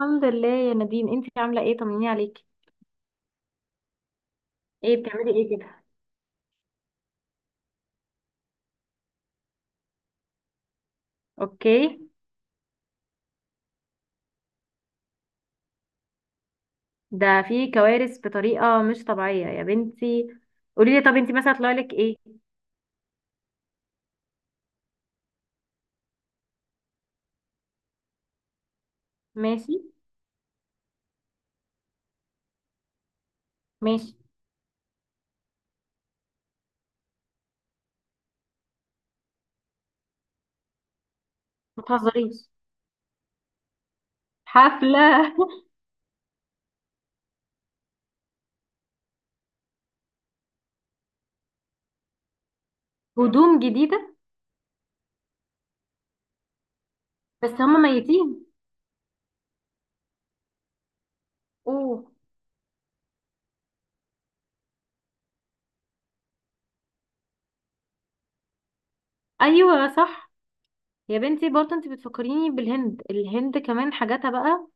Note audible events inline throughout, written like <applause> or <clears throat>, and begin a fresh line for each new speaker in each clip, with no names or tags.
الحمد لله يا نادين، انتي عاملة ايه؟ طمنيني عليكي. ايه بتعملي ايه كده؟ اوكي. ده في كوارث بطريقة مش طبيعية يا بنتي. قولي لي، طب انتي مثلا طلع لك ايه؟ ماشي. ماشي. ما تهزريش. حفلة. <laughs> هدوم جديدة؟ بس هم ميتين. اوه. ايوه صح. يا بنتي برضه انتي بتفكريني بالهند، الهند كمان حاجاتها بقى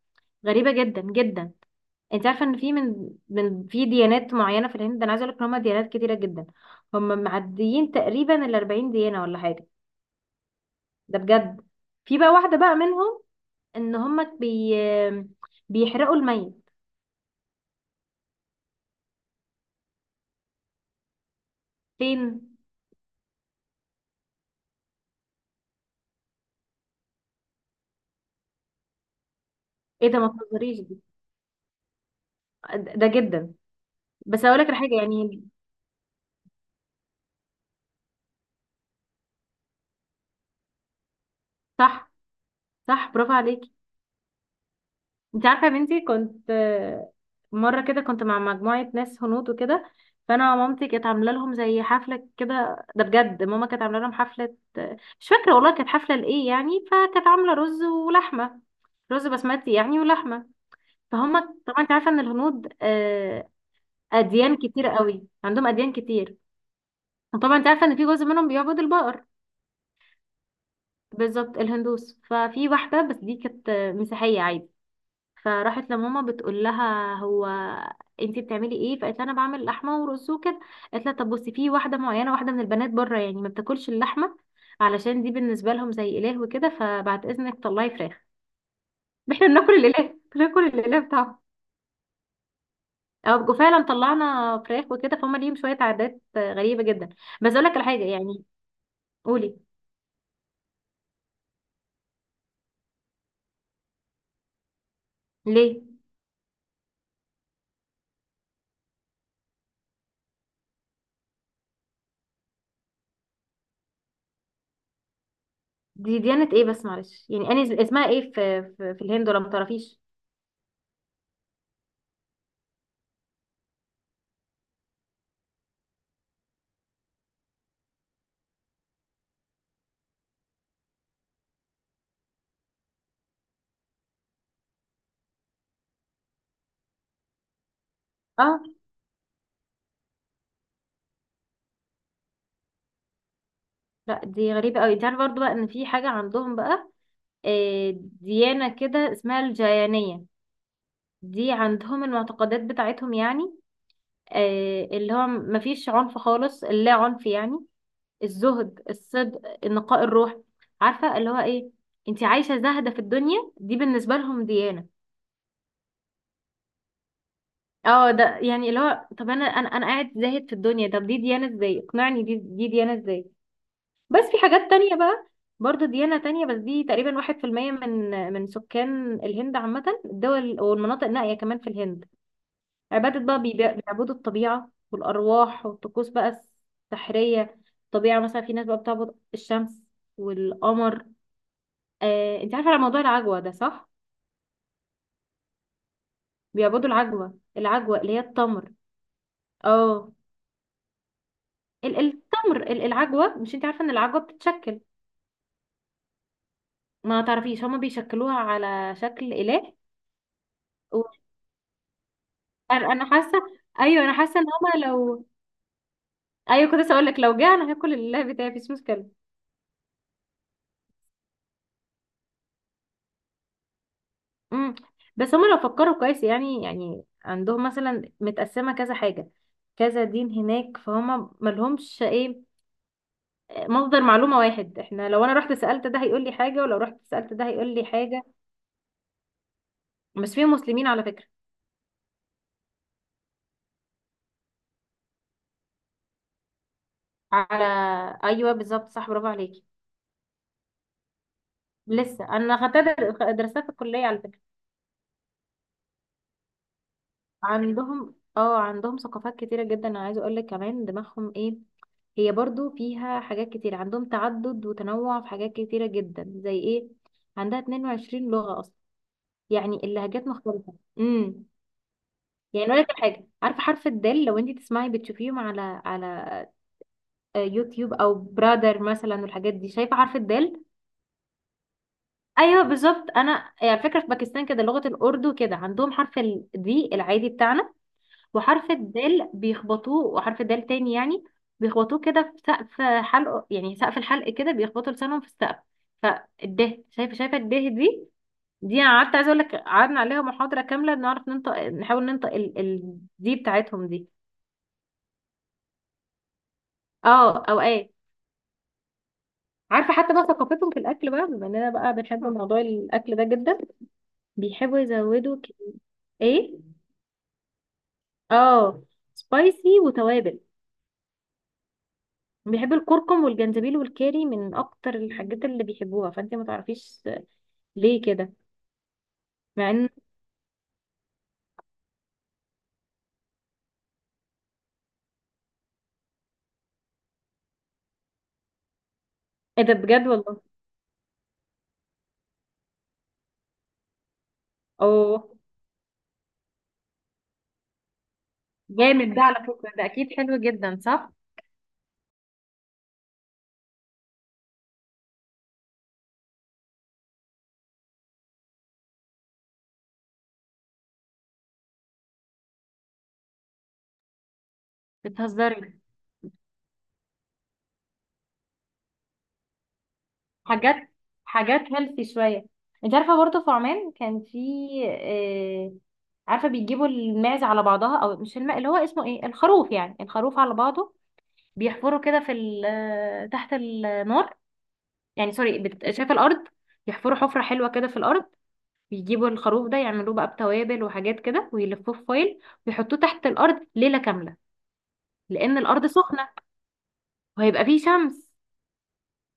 غريبة جدا جدا. انت عارفه ان في من في ديانات معينه في الهند. انا عايزه اقول لك ان هم ديانات كتيره جدا. هم معديين تقريبا ال 40 ديانه ولا حاجه. ده بجد. في بقى واحده بقى منهم ان هم بيحرقوا الميت. فين؟ ايه ده، ما تهزريش دي. ده جدا. بس اقول لك حاجه يعني. صح. صح، برافو عليك. انت عارفه يا بنتي، كنت مره كده كنت مع مجموعه ناس هنود وكده. فانا مامتي كانت عامله لهم زي حفله كده، ده بجد. ماما كانت عامله لهم حفله، مش فاكره والله كانت حفله لايه يعني. فكانت عامله رز ولحمه، رز بسمتي يعني ولحمه. فهم، طبعا انت عارفه ان الهنود، اديان كتير قوي عندهم، اديان كتير. وطبعا انت عارفه ان في جزء منهم بيعبد البقر. بالظبط، الهندوس. ففي واحده بس دي كانت مسيحيه عادي. فراحت لماما بتقول لها: هو انتي بتعملي ايه؟ فقالت لها: انا بعمل لحمه ورز وكده. قالت لها: طب بصي، في واحده معينه، واحده من البنات بره يعني ما بتاكلش اللحمه، علشان دي بالنسبه لهم زي اله وكده، فبعد اذنك طلعي فراخ. <laughs> احنا بناكل الاله، بناكل الاله بتاعهم. او فعلا طلعنا فراخ وكده. فهم ليهم شويه عادات غريبه جدا. بس اقول لك على حاجه يعني. قولي. ليه؟ دي ديانه ايه بس معلش يعني، انا اسمها ايه في الهند، ولا ما تعرفيش؟ اه. لا دي غريبه قوي. انت عارفه برضو بقى ان في حاجه عندهم بقى، ديانة كده اسمها الجاينية. دي عندهم المعتقدات بتاعتهم يعني، اللي هو مفيش عنف خالص، اللا عنف يعني. الزهد، الصدق، نقاء الروح. عارفة اللي هو ايه؟ انت عايشة زاهدة في الدنيا، دي بالنسبة لهم ديانة. اه، ده يعني اللي هو، طب انا قاعد زاهد في الدنيا، طب دي ديانة ازاي؟ اقنعني، دي ديانة ازاي؟ بس في حاجات تانية بقى. برضه ديانة تانية، بس دي تقريبا واحد في المية من سكان الهند عامة. الدول والمناطق النائية كمان في الهند، عبادة بقى بيعبدوا الطبيعة والأرواح والطقوس بقى السحرية. الطبيعة مثلا، في ناس بقى بتعبد الشمس والقمر. انت عارفة على موضوع العجوة ده صح؟ بيعبدوا العجوة، العجوة اللي هي التمر. اه. التمر، العجوة، مش انت عارفة ان العجوة بتتشكل؟ ما تعرفيش، هما بيشكلوها على شكل إله. و- أنا حاسة. ايوه انا حاسة ان هما لو. ايوه كنت لسه اقول لك لو جه، انا هاكل الإله بتاعي مفيش مشكلة. امم. بس هما لو فكروا كويس يعني، يعني عندهم مثلا متقسمة كذا حاجة، كذا دين هناك، فهما ملهمش ايه، مصدر معلومة واحد. احنا لو انا رحت سألت ده هيقول لي حاجة، ولو رحت سألت ده هيقول لي حاجة. بس فيهم مسلمين على فكرة. على. ايوه بالظبط، صح، برافو عليكي. لسه انا خدتها درستها في الكلية على فكرة. عندهم اه عندهم ثقافات كتيرة جدا. انا عايزة اقول لك كمان دماغهم ايه. هي برضو فيها حاجات كتير. عندهم تعدد وتنوع في حاجات كتيرة جدا زي ايه؟ عندها 22 لغة اصلا، يعني اللهجات مختلفة. امم. يعني اقول لك على حاجة، عارفة حرف الدال؟ لو انت تسمعي بتشوفيهم على على يوتيوب او برادر مثلا والحاجات دي، شايفة حرف الدال؟ ايوه بالظبط. انا يعني على فكرة في باكستان كده، لغة الاردو كده، عندهم حرف الدي العادي بتاعنا، وحرف الدال بيخبطوه، وحرف الدال تاني يعني بيخبطوه كده في سقف حلق، يعني سقف الحلق كده، بيخبطوا لسانهم في السقف. فالده، شايفه شايفه الده دي؟ دي انا قعدت عايزه اقول لك قعدنا عليها محاضره كامله نعرف ننطق، نحاول ننطق دي بتاعتهم دي. اه، او ايه. عارفه حتى بقى ثقافتهم في الاكل بقى، بما اننا بقى بنحب موضوع الاكل ده جدا، بيحبوا يزودوا ايه؟ اه، سبايسي وتوابل. بيحب الكركم والجنزبيل والكاري من اكتر الحاجات اللي بيحبوها. فانت ما تعرفيش ليه كده؟ مع ان، ايه ده بجد والله. اوه. جامد، ده على فكرة ده اكيد حلو جدا صح؟ بتهزري. حاجات، حاجات هيلثي شوية. انت عارفة برضه في عمان كان في آه عارفة بيجيبوا الماعز على بعضها، او مش الماء، اللي هو اسمه ايه، الخروف يعني، الخروف على بعضه. بيحفروا كده في تحت النار، يعني سوري شايفة الارض؟ يحفروا حفرة حلوة كده في الارض، بيجيبوا الخروف ده يعملوه بقى بتوابل وحاجات كده، ويلفوه في فويل، ويحطوه تحت الارض ليله كامله. لان الارض سخنه وهيبقى فيه شمس.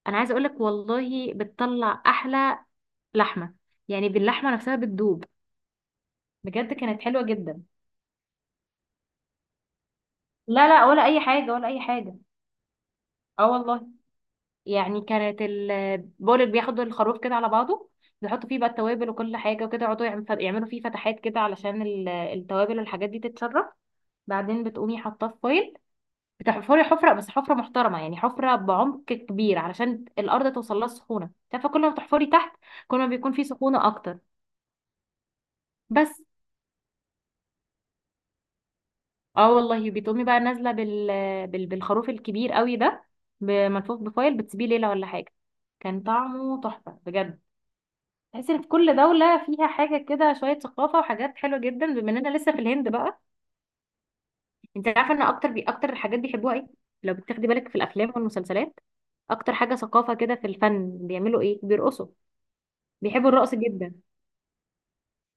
انا عايزه اقولك والله بتطلع احلى لحمه. يعني باللحمه نفسها بتدوب. بجد كانت حلوه جدا. لا لا، ولا اي حاجه، ولا اي حاجه. اه والله. يعني كانت بقول لك بياخدوا الخروف كده على بعضه، بيحطوا فيه بقى التوابل وكل حاجه وكده، يقعدوا يعملوا فيه فتحات كده علشان التوابل والحاجات دي تتشرب. بعدين بتقومي حاطاه في فويل. بتحفري حفرة، بس حفرة محترمة يعني، حفرة بعمق كبير، علشان الأرض توصل لها السخونة. تعرفي كل ما بتحفري تحت، كل ما بيكون في سخونة أكتر. بس اه والله، بتقومي بقى نازلة بالخروف الكبير قوي ده، ملفوف بفايل، بتسيبيه ليلة ولا حاجة. كان طعمه تحفة بجد. تحس ان في كل دولة فيها حاجة كده، شوية ثقافة وحاجات حلوة جدا. بما اننا لسه في الهند بقى، انت عارفة ان اكتر اكتر الحاجات بيحبوها ايه؟ لو بتاخدي بالك في الافلام والمسلسلات، اكتر حاجة ثقافة كده في الفن بيعملوا ايه؟ بيرقصوا. بيحبوا الرقص جدا.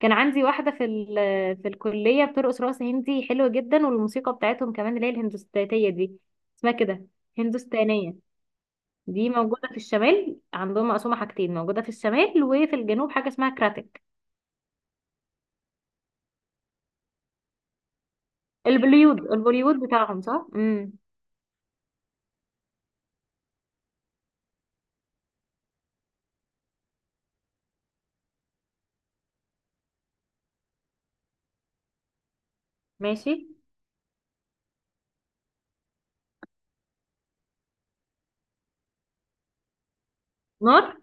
كان عندي واحدة في الكلية بترقص رقص هندي حلو جدا، والموسيقى بتاعتهم كمان اللي هي الهندوستانية دي اسمها كده، هندوستانية. دي موجودة في الشمال. عندهم مقسومة حاجتين، موجودة في الشمال وفي الجنوب حاجة اسمها كراتك. البوليود، البوليود بتاعهم صح؟ امم. ماشي. نار.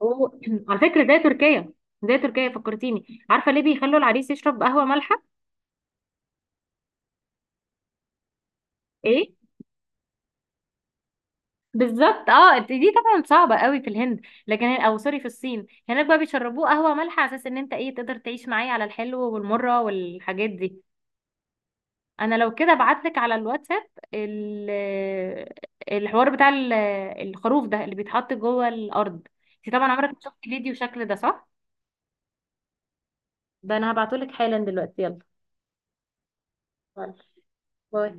و... <clears throat> على فكرة زي تركيا، زي تركيا فكرتيني. عارفة ليه بيخلوا العريس يشرب قهوة مالحة؟ ايه؟ بالظبط اه، دي طبعا صعبه قوي في الهند. لكن او سوري، في الصين، هناك بقى بيشربوه قهوه مالحه على اساس ان انت ايه تقدر تعيش معايا على الحلو والمره والحاجات دي. انا لو كده ابعتلك على الواتساب ال- الحوار بتاع الخروف ده اللي بيتحط جوه الارض. انت طبعا عمرك ما شفت فيديو شكل ده صح؟ ده انا هبعتهولك حالا دلوقتي يلا. يلا باي.